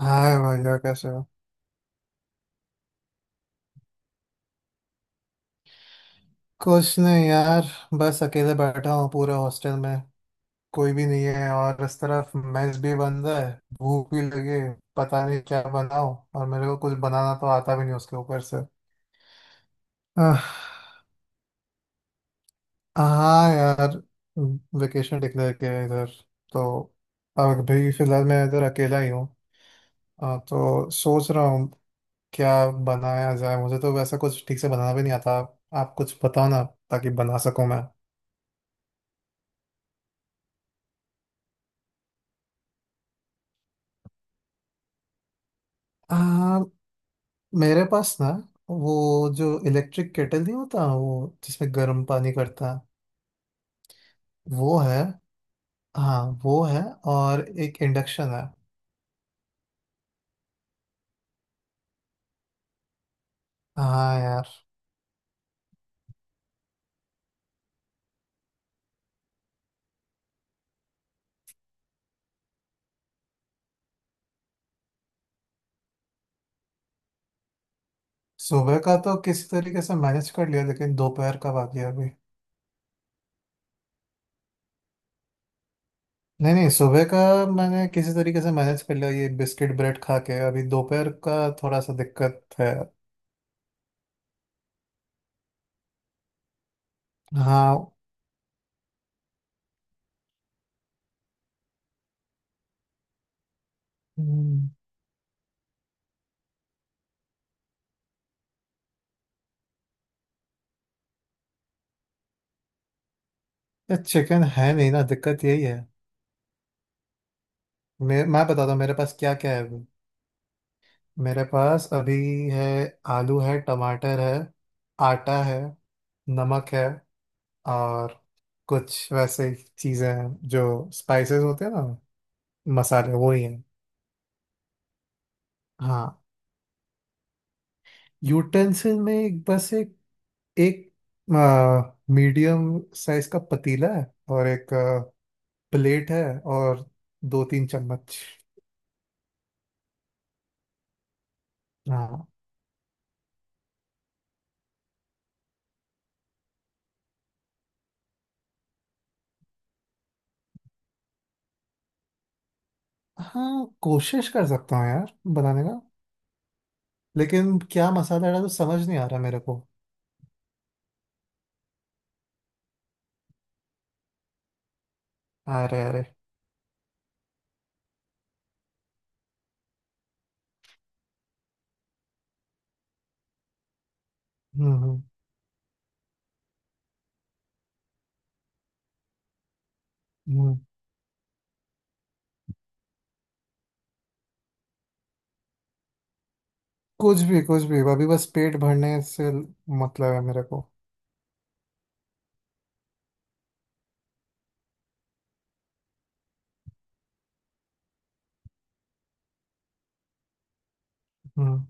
हाय भैया, कैसे हो? कुछ नहीं यार, बस अकेले बैठा हूँ पूरे हॉस्टल में। कोई भी नहीं है और इस तरफ मेस भी बंद है। भूख भी लगी है, पता नहीं क्या बनाऊँ, और मेरे को कुछ बनाना तो आता भी नहीं उसके ऊपर से। आह, हाँ यार, वेकेशन डिक्लेयर किया है इधर, तो अभी फिलहाल मैं इधर अकेला ही हूँ। हाँ, तो सोच रहा हूँ क्या बनाया जाए, मुझे तो वैसा कुछ ठीक से बनाना भी नहीं आता। आप कुछ बताओ ना, ताकि बना सकूँ मैं। हाँ, मेरे पास ना वो जो इलेक्ट्रिक केटल नहीं होता, वो जिसमें गर्म पानी करता है, वो है। हाँ, वो है। और एक इंडक्शन है। हाँ यार। सुबह का तो किसी तरीके से मैनेज कर लिया, लेकिन दोपहर का बाकी है अभी। नहीं नहीं, सुबह का मैंने किसी तरीके से मैनेज कर लिया ये बिस्किट ब्रेड खा के, अभी दोपहर का थोड़ा सा दिक्कत है। हाँ। हम्म, ये चिकन है नहीं ना, दिक्कत यही है। मैं बताता हूँ मेरे पास क्या क्या है। मेरे पास अभी है, आलू है, टमाटर है, आटा है, नमक है। और कुछ वैसे चीज़ें हैं जो स्पाइसेस होते हैं ना, मसाले वो ही हैं। हाँ, यूटेंसिल में एक बस एक एक मीडियम साइज का पतीला है, और एक प्लेट है, और दो तीन चम्मच। हाँ हाँ, कोशिश कर सकता हूँ यार बनाने का, लेकिन क्या मसाला डाला तो समझ नहीं आ रहा मेरे को। अरे अरे। हम्म। हम्म। कुछ भी कुछ भी, अभी बस पेट भरने से मतलब है मेरे को। हम्म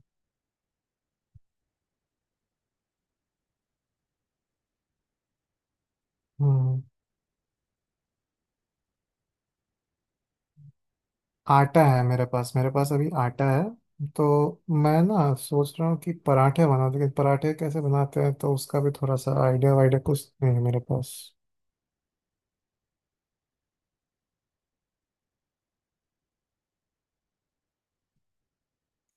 हम्म हम्म। आटा है मेरे पास अभी आटा है, तो मैं ना सोच रहा हूँ कि पराठे बनाऊँ, लेकिन पराठे कैसे बनाते हैं तो उसका भी थोड़ा सा आइडिया वाइडिया कुछ नहीं है मेरे पास।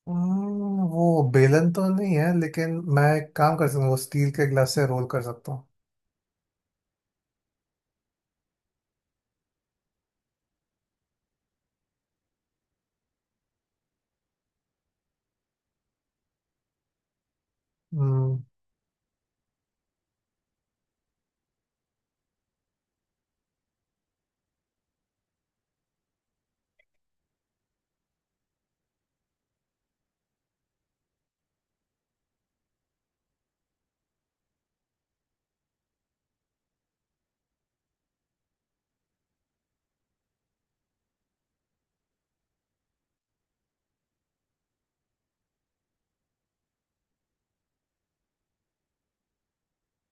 वो बेलन तो नहीं है, लेकिन मैं एक काम कर सकता हूँ, वो स्टील के गिलास से रोल कर सकता हूँ। हम्म।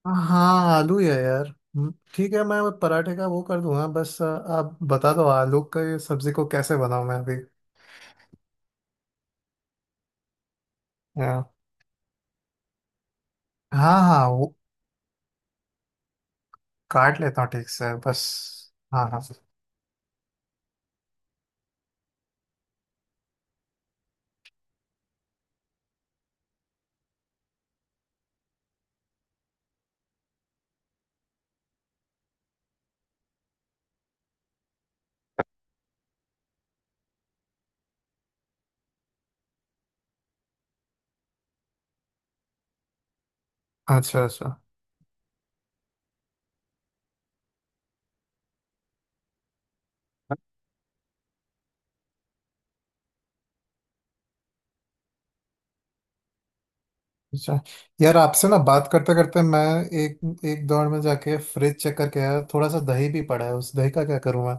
हाँ, आलू ही है यार। ठीक है, मैं वो पराठे का वो कर दूंगा। बस आप बता दो आलू का ये सब्जी को कैसे बनाऊं मैं अभी। हाँ। हाँ। हाँ, वो काट लेता हूँ ठीक से बस। हाँ हाँ। अच्छा अच्छा। अच्छा यार, आपसे ना बात करते करते मैं एक एक दौर में जाके फ्रिज चेक करके आया, थोड़ा सा दही भी पड़ा है, उस दही का क्या करूँ मैं?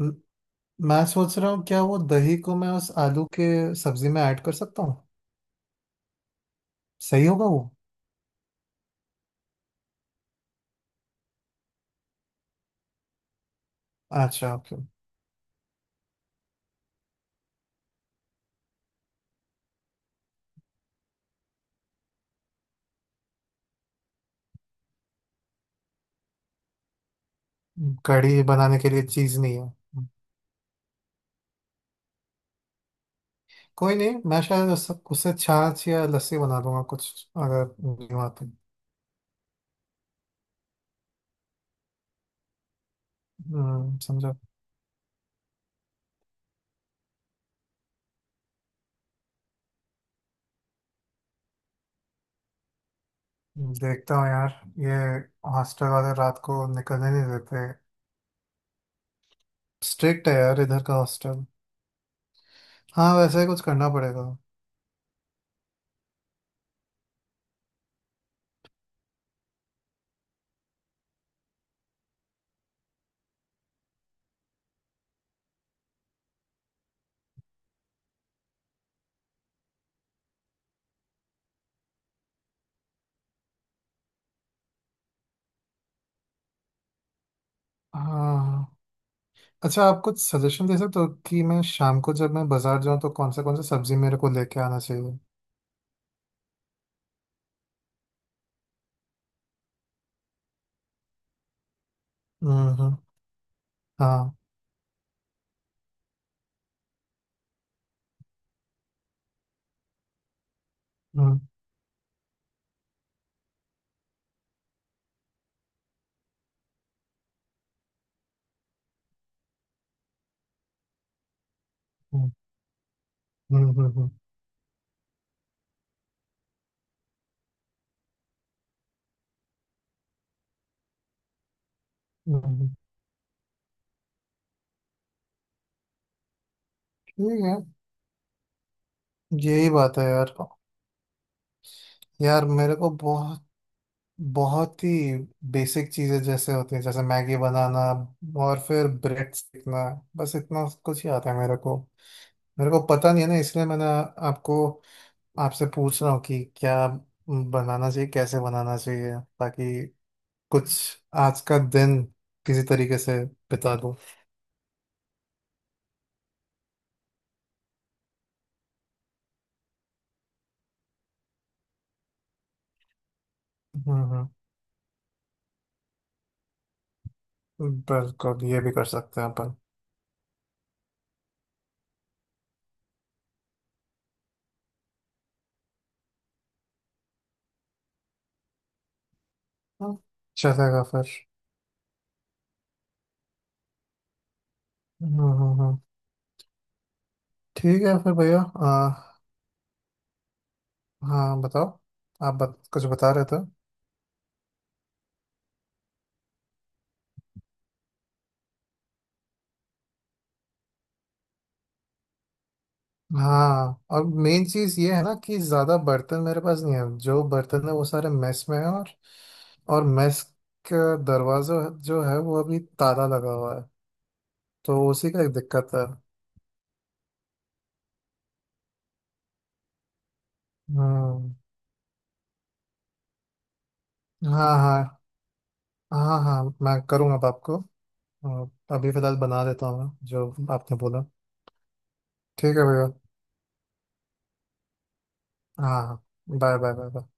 म- मैं सोच रहा हूँ क्या वो दही को मैं उस आलू के सब्जी में ऐड कर सकता हूँ, सही होगा वो? अच्छा, ओके। कढ़ी बनाने के लिए चीज़ नहीं है। कोई नहीं, मैं शायद उससे छाछ या लस्सी बना लूंगा कुछ, अगर नहीं आती। समझा। देखता हूँ यार ये, हॉस्टल वाले रात को निकलने नहीं देते। स्ट्रिक्ट है यार इधर का हॉस्टल। हाँ, वैसे ही कुछ करना पड़ेगा। हाँ हाँ। अच्छा, आप कुछ सजेशन दे सकते हो कि मैं शाम को जब मैं बाजार जाऊँ तो कौन से सब्जी मेरे को लेके आना चाहिए? हम्म। हाँ। हम्म हम्म हम्म। हम्म। हम्म। ठीक है। यही बात है यार, यार मेरे को बहुत बहुत ही बेसिक चीजें जैसे होती हैं, जैसे मैगी बनाना और फिर ब्रेड सीखना, बस इतना कुछ ही आता है मेरे को। मेरे को पता नहीं है ना, इसलिए मैंने आपको आपसे पूछ रहा हूँ कि क्या बनाना चाहिए, कैसे बनाना चाहिए, ताकि कुछ आज का दिन किसी तरीके से बिता दूँ। हम्म बिल्कुल, ये भी कर सकते हैं अपन। हाँ, चलेगा फिर। हम्म हम्म हम्म। ठीक है फिर भैया। हाँ बताओ, आप कुछ बता रहे थे? हाँ, और मेन चीज ये है ना कि ज्यादा बर्तन मेरे पास नहीं है, जो बर्तन है वो सारे मेस में है, और मेस का दरवाजा जो है वो अभी ताला लगा हुआ है, तो उसी का एक दिक्कत है। हम्म। हाँ हाँ। हाँ हाँ, मैं करूँगा अब आपको। अ, अभी फिलहाल बना देता हूँ मैं, जो आपने बोला। ठीक है भैया। हाँ। Bye bye bye bye.